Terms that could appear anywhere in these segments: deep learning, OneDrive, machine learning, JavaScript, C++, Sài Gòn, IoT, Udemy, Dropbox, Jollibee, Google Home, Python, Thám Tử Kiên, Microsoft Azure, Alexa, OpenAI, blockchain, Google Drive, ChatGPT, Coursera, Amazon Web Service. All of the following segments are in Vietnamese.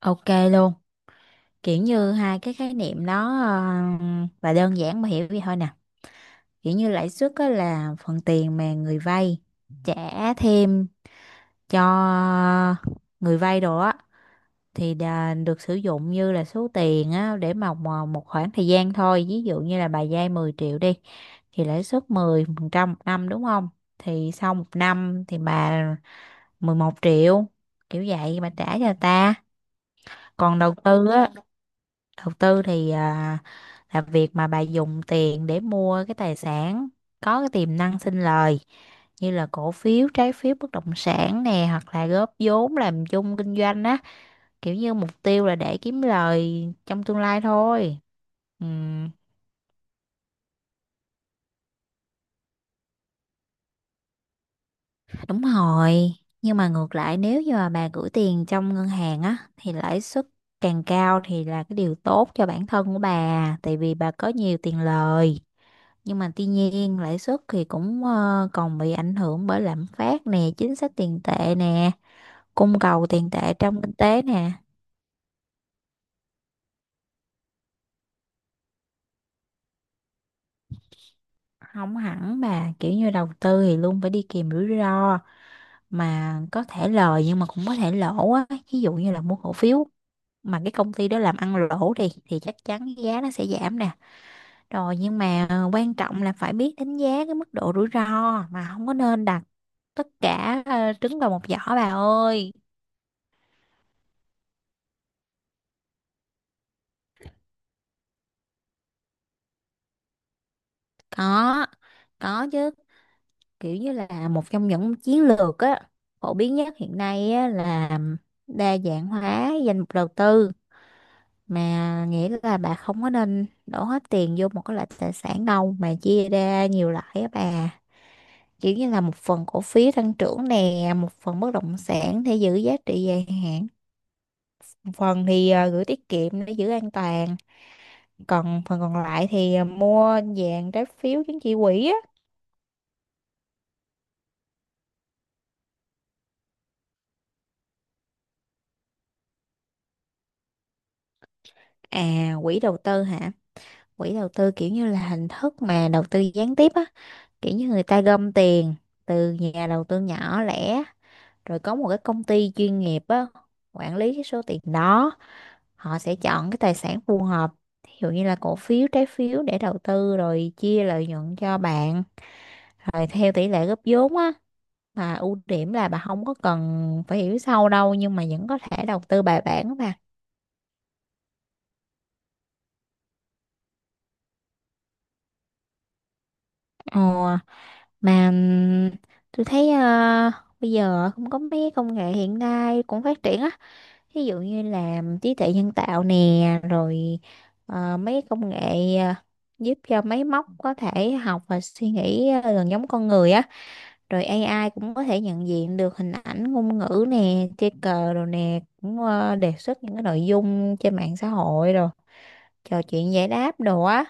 Ok luôn, kiểu như hai cái khái niệm đó là đơn giản mà hiểu vậy thôi nè. Kiểu như lãi suất á là phần tiền mà người vay trả thêm cho người vay đồ á thì được sử dụng như là số tiền á để mà một khoảng thời gian thôi. Ví dụ như là bà vay 10 triệu đi thì lãi suất 10% một năm đúng không? Thì sau một năm thì bà 11 triệu kiểu vậy bà trả cho người ta. Còn đầu tư á, đầu tư thì là việc mà bà dùng tiền để mua cái tài sản có cái tiềm năng sinh lời, như là cổ phiếu, trái phiếu, bất động sản nè, hoặc là góp vốn làm chung kinh doanh á, kiểu như mục tiêu là để kiếm lời trong tương lai thôi. Ừ. Đúng rồi, nhưng mà ngược lại nếu như mà bà gửi tiền trong ngân hàng á thì lãi suất càng cao thì là cái điều tốt cho bản thân của bà, tại vì bà có nhiều tiền lời. Nhưng mà tuy nhiên lãi suất thì cũng còn bị ảnh hưởng bởi lạm phát nè, chính sách tiền tệ nè, cung cầu tiền tệ trong kinh tế nè. Không hẳn bà, kiểu như đầu tư thì luôn phải đi kèm rủi ro, mà có thể lời nhưng mà cũng có thể lỗ á. Ví dụ như là mua cổ phiếu mà cái công ty đó làm ăn lỗ đi thì chắc chắn cái giá nó sẽ giảm nè, rồi nhưng mà quan trọng là phải biết đánh giá cái mức độ rủi ro, mà không có nên đặt tất cả trứng vào một giỏ bà ơi. có có chứ, kiểu như là một trong những chiến lược á phổ biến nhất hiện nay á, là đa dạng hóa danh mục đầu tư, mà nghĩa là bà không có nên đổ hết tiền vô một cái loại tài sản đâu, mà chia ra nhiều loại á bà. Kiểu như là một phần cổ phiếu tăng trưởng nè, một phần bất động sản để giữ giá trị dài hạn, một phần thì gửi tiết kiệm để giữ an toàn, còn phần còn lại thì mua vàng, trái phiếu, chứng chỉ quỹ á. À, quỹ đầu tư hả? Quỹ đầu tư kiểu như là hình thức mà đầu tư gián tiếp á, kiểu như người ta gom tiền từ nhà đầu tư nhỏ lẻ rồi có một cái công ty chuyên nghiệp á quản lý cái số tiền đó. Họ sẽ chọn cái tài sản phù hợp, ví dụ như là cổ phiếu, trái phiếu để đầu tư rồi chia lợi nhuận cho bạn rồi theo tỷ lệ góp vốn á. Mà ưu điểm là bà không có cần phải hiểu sâu đâu nhưng mà vẫn có thể đầu tư bài bản mà. ờ, mà ừm, tôi thấy bây giờ cũng có mấy công nghệ hiện nay cũng phát triển á. Ví dụ như là trí tuệ nhân tạo nè, rồi mấy công nghệ giúp cho máy móc có thể học và suy nghĩ gần giống con người á, rồi AI cũng có thể nhận diện được hình ảnh, ngôn ngữ nè, chơi cờ rồi nè, cũng đề xuất những cái nội dung trên mạng xã hội rồi trò chuyện giải đáp đồ á.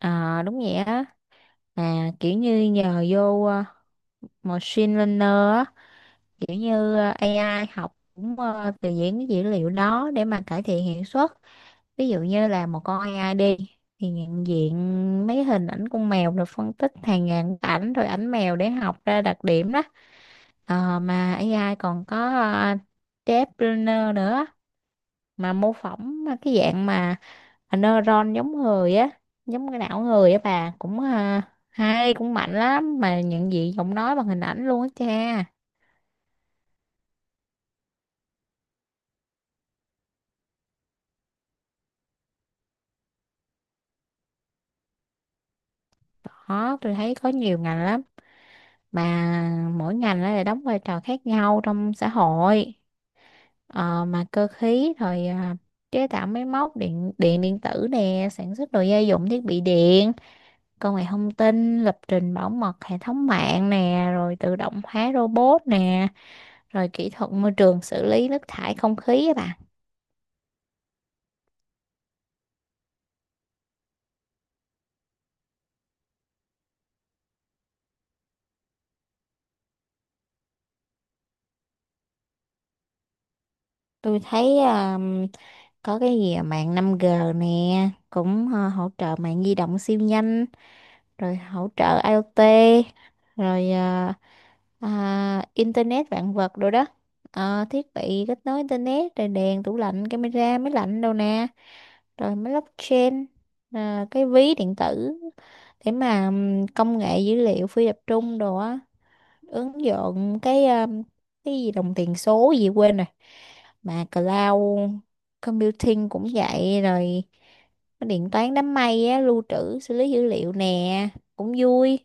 Ờ, đúng vậy á. À, kiểu như nhờ vô machine learner á, kiểu như AI học cũng từ những cái dữ liệu đó để mà cải thiện hiệu suất. Ví dụ như là một con AI đi thì nhận diện mấy hình ảnh con mèo rồi phân tích hàng ngàn ảnh, rồi ảnh mèo để học ra đặc điểm đó. Ờ, mà AI còn có uh, deep learner nữa, mà mô phỏng cái dạng mà neuron giống người á, giống cái não người á bà, cũng hay, cũng mạnh lắm, mà nhận diện giọng nói bằng hình ảnh luôn á cha. Đó, tôi thấy có nhiều ngành lắm, mà mỗi ngành nó lại đóng vai trò khác nhau trong xã hội. Ờ, mà cơ khí rồi chế tạo máy móc điện điện điện tử nè, sản xuất đồ gia dụng, thiết bị điện, công nghệ thông tin, lập trình, bảo mật hệ thống mạng nè, rồi tự động hóa robot nè, rồi kỹ thuật môi trường xử lý nước thải, không khí á bạn. Tôi thấy có cái gì mạng năm g nè cũng hỗ trợ mạng di động siêu nhanh, rồi hỗ trợ IoT rồi internet vạn vật rồi đó. Ờ, thiết bị kết nối internet rồi đèn, tủ lạnh, camera, máy lạnh đâu nè, rồi máy blockchain, à, cái ví điện tử để mà công nghệ dữ liệu phi tập trung đồ á, ứng dụng cái gì đồng tiền số gì quên rồi, mà cloud computing cũng vậy rồi, cái điện toán đám mây á lưu trữ xử lý dữ liệu nè, cũng vui.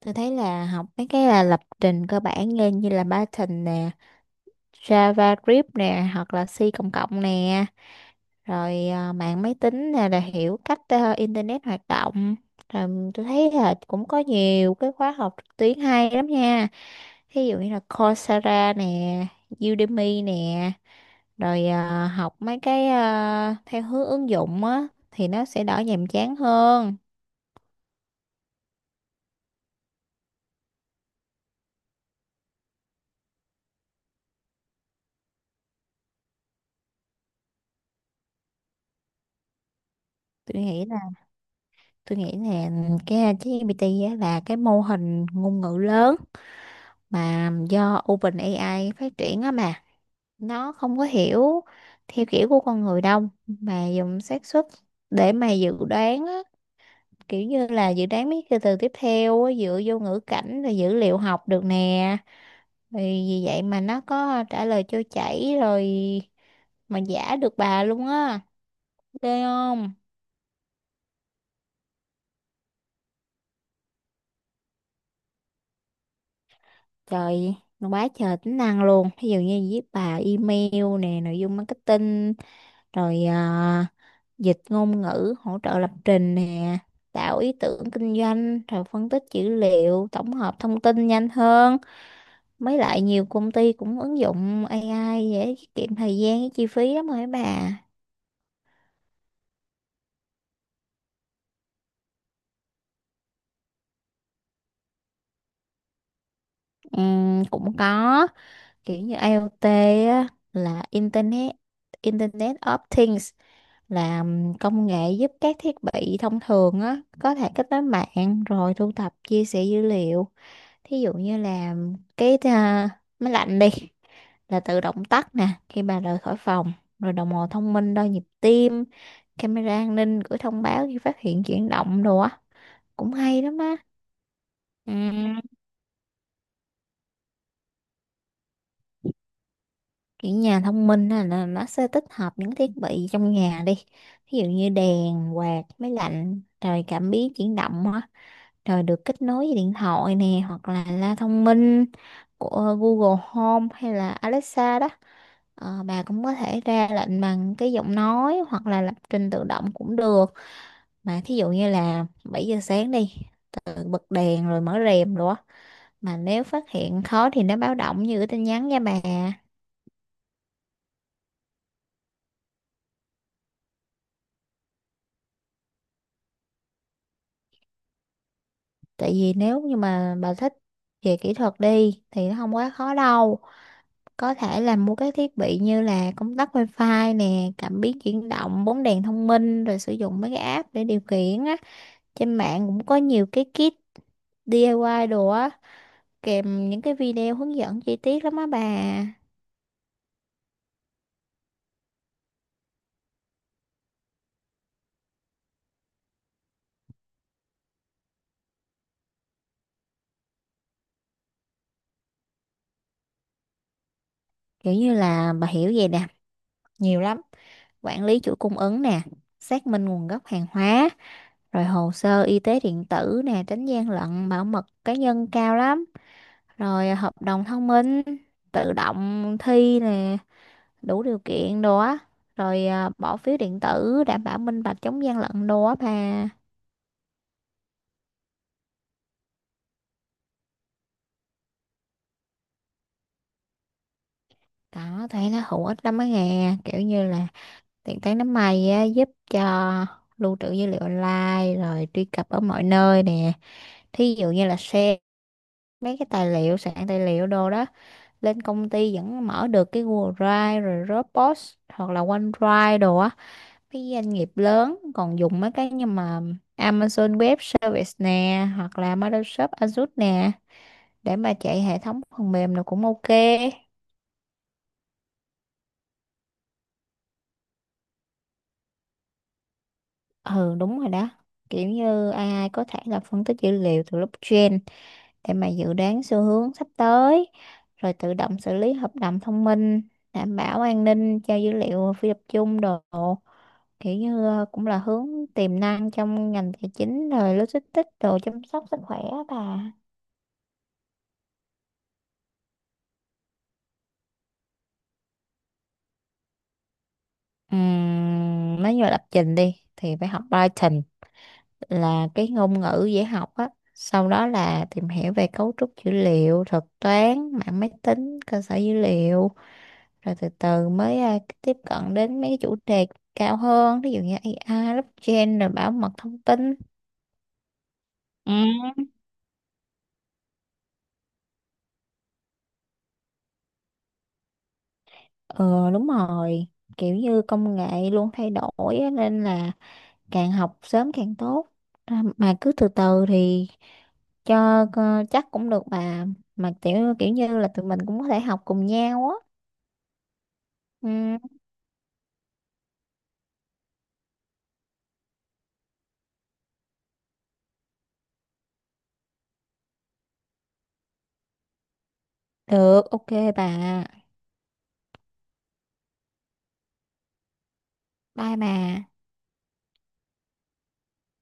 Tôi thấy là học mấy cái là lập trình cơ bản lên, như là Python nè, JavaScript nè, hoặc là C cộng cộng nè, rồi mạng máy tính nè là hiểu cách internet hoạt động. Rồi tôi thấy là cũng có nhiều cái khóa học trực tuyến hay lắm nha. Ví dụ như là Coursera nè, Udemy nè, rồi học mấy cái theo hướng ứng dụng á thì nó sẽ đỡ nhàm chán hơn. Tôi nghĩ tôi nghĩ là cái ChatGPT á là cái mô hình ngôn ngữ lớn mà do OpenAI phát triển á, mà nó không có hiểu theo kiểu của con người đâu, mà dùng xác suất để mà dự đoán á, kiểu như là dự đoán mấy cái từ tiếp theo á, dựa vô ngữ cảnh rồi dữ liệu học được nè, vì vì vậy mà nó có trả lời trôi chảy rồi, mà giả được bà luôn á. Ghê không? Trời, nó quá trời tính năng luôn. Ví dụ như viết bài email nè, nội dung marketing, rồi dịch ngôn ngữ, hỗ trợ lập trình nè, tạo ý tưởng kinh doanh, rồi phân tích dữ liệu, tổng hợp thông tin nhanh hơn. Mới lại nhiều công ty cũng ứng dụng AI để tiết kiệm thời gian với chi phí lắm rồi bà. Cũng có, kiểu như IoT á, là Internet Internet of Things, là công nghệ giúp các thiết bị thông thường á có thể kết nối mạng rồi thu thập chia sẻ dữ liệu. Thí dụ như là cái máy lạnh đi là tự động tắt nè khi bà rời khỏi phòng, rồi đồng hồ thông minh đo nhịp tim, camera an ninh gửi thông báo khi phát hiện chuyển động đồ á, cũng hay lắm á. Ừ, kiểu nhà thông minh á, là nó sẽ tích hợp những thiết bị trong nhà đi, thí dụ như đèn, quạt, máy lạnh, rồi cảm biến chuyển động á, rồi được kết nối với điện thoại nè, hoặc là loa thông minh của Google Home hay là Alexa đó. Ờ, bà cũng có thể ra lệnh bằng cái giọng nói hoặc là lập trình tự động cũng được, mà thí dụ như là 7 giờ sáng đi tự bật đèn rồi mở rèm rồi á, mà nếu phát hiện khó thì nó báo động như cái tin nhắn nha bà. Tại vì nếu như mà bà thích về kỹ thuật đi thì nó không quá khó đâu, có thể là mua các thiết bị như là công tắc wifi nè, cảm biến chuyển động, bóng đèn thông minh, rồi sử dụng mấy cái app để điều khiển á. Trên mạng cũng có nhiều cái kit DIY đồ á, kèm những cái video hướng dẫn chi tiết lắm á bà. Kiểu như là bà hiểu vậy nè, nhiều lắm, quản lý chuỗi cung ứng nè, xác minh nguồn gốc hàng hóa, rồi hồ sơ y tế điện tử nè tránh gian lận bảo mật cá nhân cao lắm, rồi hợp đồng thông minh tự động thi nè đủ điều kiện đồ á, rồi bỏ phiếu điện tử đảm bảo minh bạch chống gian lận đồ á bà. Đó thấy nó hữu ích lắm á nghe, kiểu như là tiện tay nắm mày á, giúp cho lưu trữ dữ liệu online rồi truy cập ở mọi nơi nè. Thí dụ như là share mấy cái tài liệu, soạn tài liệu đồ đó, lên công ty vẫn mở được, cái Google Drive rồi Dropbox hoặc là OneDrive đồ á, cái doanh nghiệp lớn còn dùng mấy cái như mà Amazon Web Service nè hoặc là Microsoft Azure nè để mà chạy hệ thống phần mềm là cũng ok. Ừ, đúng rồi đó, kiểu như AI có thể là phân tích dữ liệu từ blockchain để mà dự đoán xu hướng sắp tới, rồi tự động xử lý hợp đồng thông minh, đảm bảo an ninh cho dữ liệu phi tập trung đồ, kiểu như cũng là hướng tiềm năng trong ngành tài chính rồi logistics đồ, chăm sóc sức khỏe á bà. Nói như là lập trình đi thì phải học Python, là cái ngôn ngữ dễ học á, sau đó là tìm hiểu về cấu trúc dữ liệu, thuật toán, mạng máy tính, cơ sở dữ liệu, rồi từ từ mới tiếp cận đến mấy cái chủ đề cao hơn, ví dụ như AI, blockchain, rồi bảo mật thông tin. Ừ. Ờ, đúng rồi, kiểu như công nghệ luôn thay đổi á, nên là càng học sớm càng tốt. Mà cứ từ từ thì cho chắc cũng được bà, mà kiểu kiểu như là tụi mình cũng có thể học cùng nhau á. Ừ, được ok bà. Bye bà.